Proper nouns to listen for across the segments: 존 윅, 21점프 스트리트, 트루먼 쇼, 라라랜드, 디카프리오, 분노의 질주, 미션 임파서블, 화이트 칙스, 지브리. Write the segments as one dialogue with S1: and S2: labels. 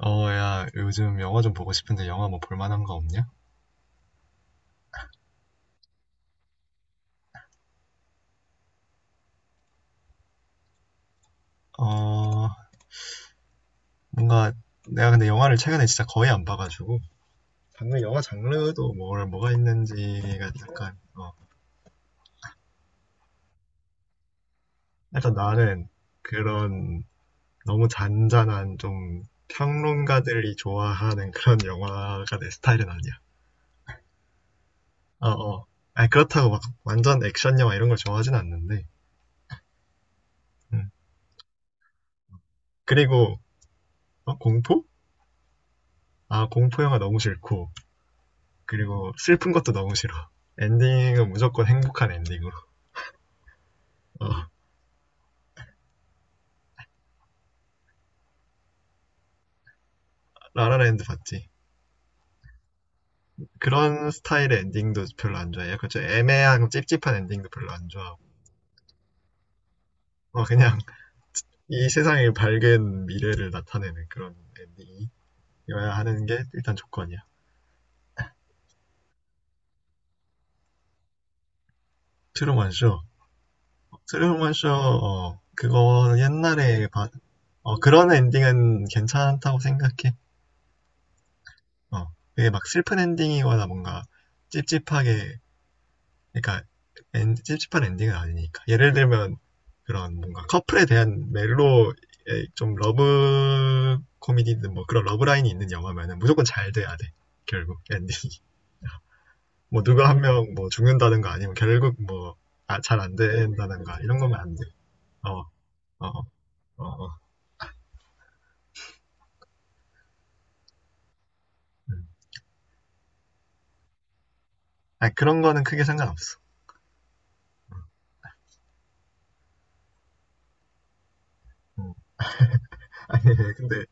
S1: 어, 야, 요즘 영화 좀 보고 싶은데 영화 뭐 볼만한 거 없냐? 어, 뭔가 내가 근데 영화를 최근에 진짜 거의 안 봐가지고 방금 영화 장르도 뭘 뭐가 있는지가 약간 일단 나는 그런 너무 잔잔한 좀 평론가들이 좋아하는 그런 영화가 내 스타일은 아니야. 어, 어. 아니 그렇다고 막 완전 액션 영화 이런 걸 좋아하진 않는데. 음. 그리고 공포? 아, 공포 영화 너무 싫고. 그리고 슬픈 것도 너무 싫어. 엔딩은 무조건 행복한 엔딩으로. 어, 라라랜드 봤지. 그런 스타일의 엔딩도 별로 안 좋아해. 약간 좀 애매한 찝찝한 엔딩도 별로 안 좋아하고. 어, 그냥 이 세상의 밝은 미래를 나타내는 그런 엔딩이어야 하는 게 일단 조건이야. 트루먼 쇼. 트루먼 쇼, 어, 그거 옛날에 봤, 어, 그런 엔딩은 괜찮다고 생각해. 어, 그게 막 슬픈 엔딩이거나 뭔가 찝찝하게 그러니까 찝찝한 엔딩은 아니니까. 예를 들면 그런 뭔가 커플에 대한 멜로 좀 러브 코미디든 뭐 그런 러브 라인이 있는 영화면은 무조건 잘 돼야 돼. 결국 엔딩이. 뭐 누가 한 명 뭐 죽는다든가 아니면 결국 뭐잘 안 된다든가 이런 거면 안 돼. 어, 어, 어, 어. 음. 아니, 그런 거는 크게 상관없어. 음. 근데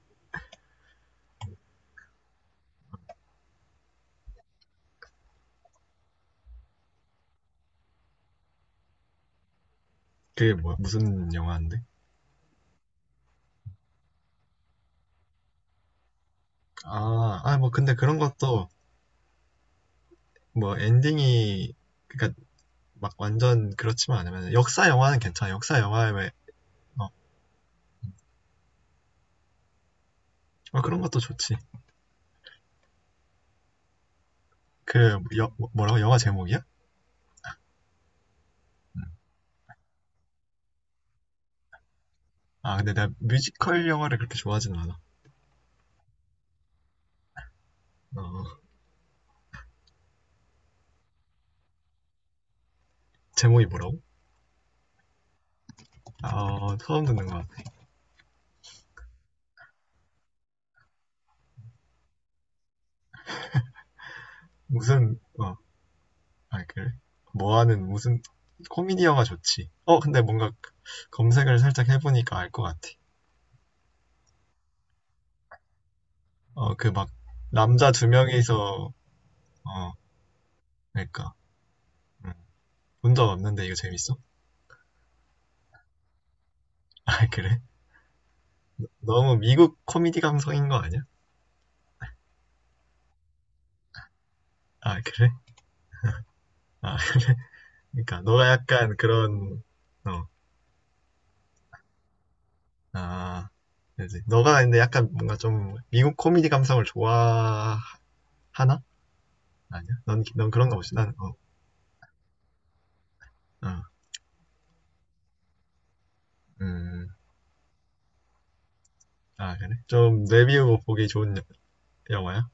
S1: 그게 뭐 무슨 영화인데? 아, 아, 뭐 근데 그런 것도 뭐 엔딩이 그러니까 막 완전 그렇지만 않으면 역사 영화는 괜찮아. 역사 영화에 왜 어, 어, 그런 것도 좋지. 그 라고 영화 제목이야? 아 근데 내가 뮤지컬 영화를 그렇게 좋아하진 않아. 어, 제목이 뭐라고? 아 어, 처음 듣는 거야. 무슨 어아 그래 뭐하는 무슨 코미디 영화 좋지. 어 근데 뭔가 그 검색을 살짝 해보니까 알 것 같아. 어 그 막 남자 두 명이서 어 그러니까 음, 본적 없는데 이거 재밌어? 아 그래? 너무 미국 코미디 감성인 거 아니야? 아 그래? 아, 그러니까 너가 약간 그런 어, 아, 그지. 너가 근데 약간 뭔가 좀 미국 코미디 감성을 좋아하나? 아니야? 넌, 넌 그런가 보지. 난, 어, 어, 음, 아, 그래? 좀 내비우고 보기 좋은 영화야?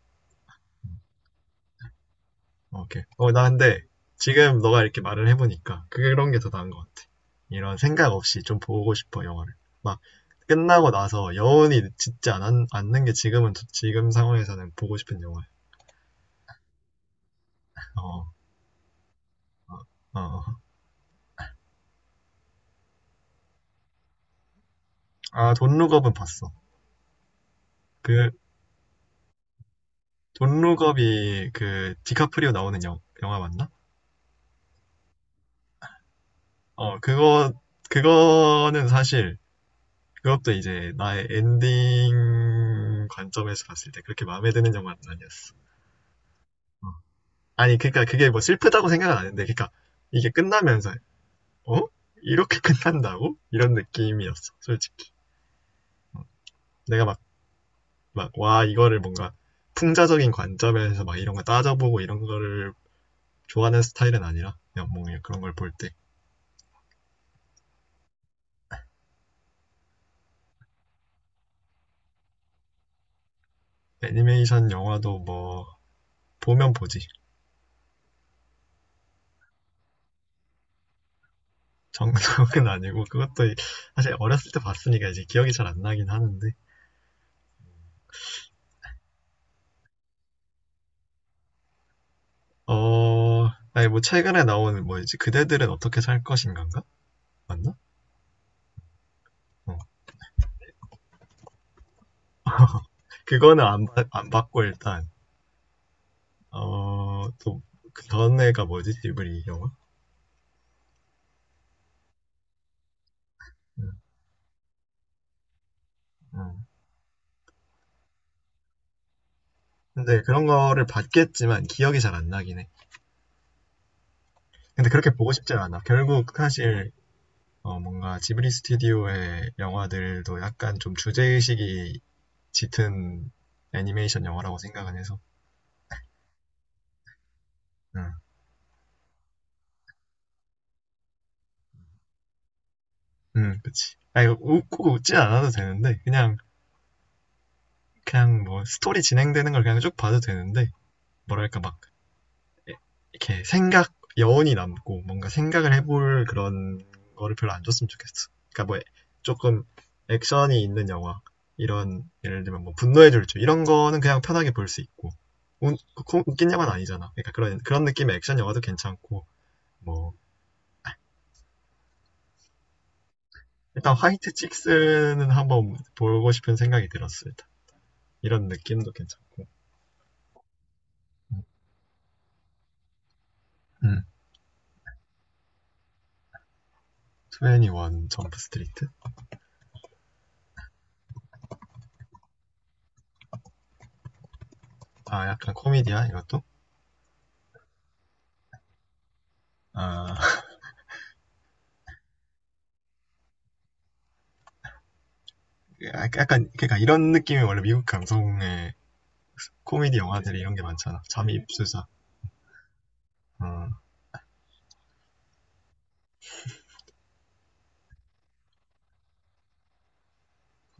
S1: 오케이. 어, 나 근데 지금 너가 이렇게 말을 해보니까 그런 게 더 나은 것 같아. 이런 생각 없이 좀 보고 싶어, 영화를. 막 끝나고 나서 여운이 않는 게 지금 상황에서는 보고 싶은 영화야. 어, 어, 어. 아, 돈 룩업은 봤어. 그, 돈 룩업이 그, 디카프리오 나오는 영화 맞나? 어, 그거, 그거는 사실, 그것도 이제 나의 엔딩 관점에서 봤을 때 그렇게 마음에 드는 영화는 아니었어. 어. 아니, 그니까 그게 뭐 슬프다고 생각은 안 했는데, 그니까 이게 끝나면서, 어? 이렇게 끝난다고? 이런 느낌이었어, 솔직히. 내가 막, 막, 와, 이거를 뭔가 풍자적인 관점에서 막 이런 거 따져보고 이런 거를 좋아하는 스타일은 아니라, 그냥 뭐 그냥 그런 걸 볼 때. 애니메이션 영화도 뭐 보면 보지. 정석은 아니고 그것도 사실 어렸을 때 봤으니까 이제 기억이 잘 안 나긴 하는데 어 아니 뭐 최근에 나온 뭐지 그대들은 어떻게 살 것인가인가 맞나? 어 그거는 안 봤고 일단 어또그 전에가 뭐지 지브리 영화? 음, 음. 근데 그런 거를 봤겠지만 기억이 잘 안 나긴 해. 근데 그렇게 보고 싶지 않아. 결국 사실 어, 뭔가 지브리 스튜디오의 영화들도 약간 좀 주제의식이 짙은 애니메이션 영화라고 생각은 해서. 응, 응, 그치. 아, 이거 웃고 웃지 않아도 되는데, 그냥, 그냥 뭐, 스토리 진행되는 걸 그냥 쭉 봐도 되는데, 뭐랄까, 막, 이렇게 생각, 여운이 남고, 뭔가 생각을 해볼 그런 거를 별로 안 줬으면 좋겠어. 그러니까 뭐, 조금 액션이 있는 영화, 이런, 예를 들면 뭐, 분노의 질주, 이런 거는 그냥 편하게 볼 수 있고, 웃, 웃긴 영화는 아니잖아. 그러니까 그런, 그런 느낌의 액션 영화도 괜찮고, 뭐, 일단 화이트 칙스는 한번 보고 싶은 생각이 들었습니다. 이런 느낌도 괜찮고. 음. 21 점프 스트리트? 아, 약간 코미디야, 이것도? 아, 약간, 그러니까 이런 느낌이 원래 미국 감성의 코미디 영화들이 이런 게 많잖아. 잠입수사. 어,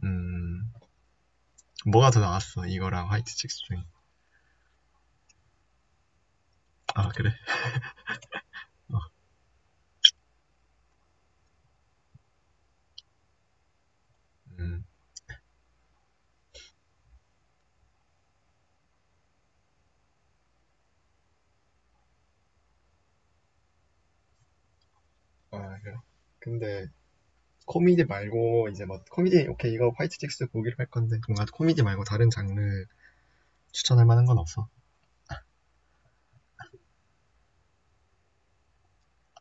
S1: 음, 뭐가 더 나왔어? 이거랑 화이트 칙스 중에. 아, 그래? 어, 음. 아, 그래. 근데 코미디 말고 이제 뭐 코미디 오케이 이거 화이트 칙스 보기로 할 건데 뭔가 코미디 말고 다른 장르 추천할 만한 건 없어?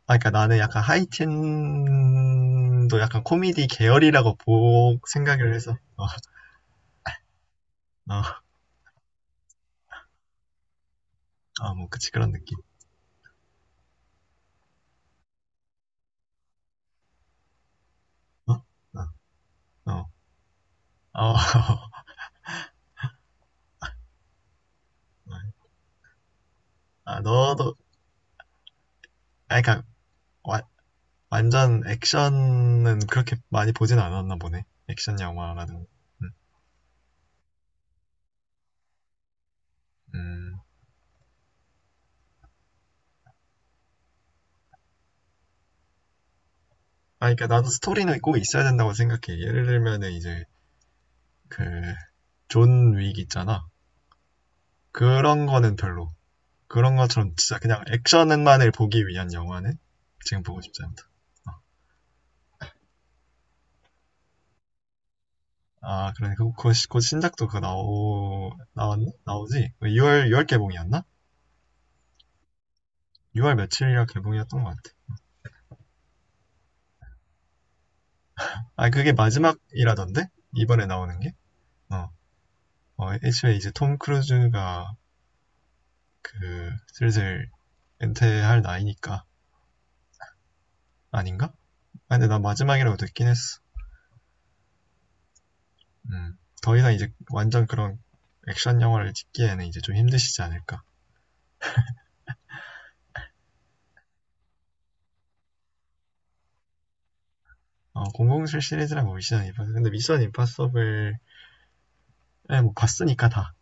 S1: 아, 그러니까 나는 약간 하이틴도 약간 코미디 계열이라고 보 생각을 해서 어, 어, 아, 뭐 그치 그런 느낌. 어, 어, 어, 어. 아, 너도 아, 그러니까 와- 완전 액션은 그렇게 많이 보진 않았나 보네. 액션 영화라는. 거. 음, 음. 아, 그러니까 나도 스토리는 꼭 있어야 된다고 생각해. 예를 들면은 이제 그 존 윅 있잖아. 그런 거는 별로. 그런 것처럼 진짜 그냥 액션만을 보기 위한 영화는 지금 보고 싶지 않다. 어. 아, 그러니 그, 그, 곧 신작도 그거 나왔나? 나오지? 6월, 6월 개봉이었나? 6월 며칠이라 개봉이었던 것 같아. 아, 그게 마지막이라던데? 이번에 나오는 게? 어, 어, 애초에 이제 톰 크루즈가 그, 슬슬 은퇴할 나이니까. 아닌가? 아, 근데 난 마지막이라고 듣긴 했어. 음. 더 이상 이제 완전 그런 액션 영화를 찍기에는 이제 좀 힘드시지 않을까. 어, 007 시리즈라고 미션 임파서블. 근데 미션 임파서블, 예, 뭐 봤으니까 다.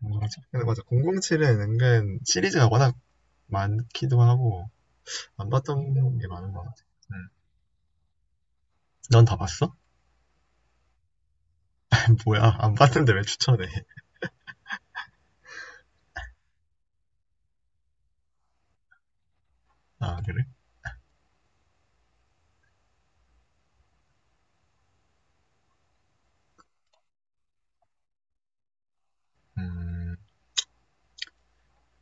S1: 공공칠. 근데 맞아. 007은 은근 시리즈가 워낙 많기도 하고, 안 봤던 게 많은 것 같아. 응. 넌 다 봤어? 뭐야, 안 봤는데 왜 추천해? 아, 그래? 음,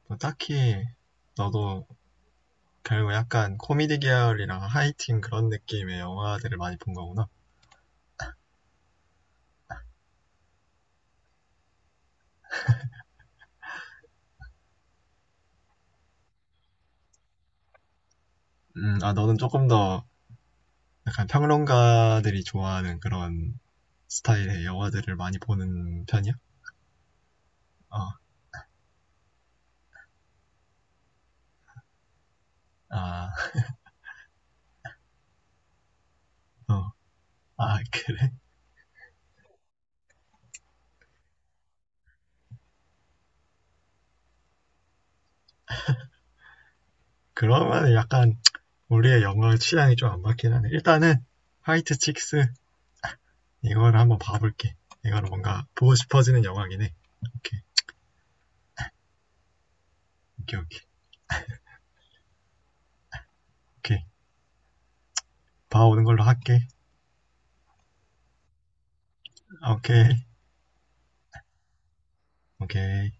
S1: 뭐 딱히, 너도 결국 약간 코미디 계열이랑 하이틴 그런 느낌의 영화들을 많이 본 거구나. 아, 너는 조금 더 약간 평론가들이 좋아하는 그런 스타일의 영화들을 많이 보는 편이야? 어, 아, 어, 아, 그래? 그러면 약간 우리의 영어 취향이 좀 안 맞긴 하네. 일단은 화이트 칙스 이거를 한번 봐볼게. 이거는 뭔가 보고 싶어지는 영화긴 해. 오케이, 오케이, 오케이, 오케이. 봐오는 걸로 할게. 오케이, 오케이.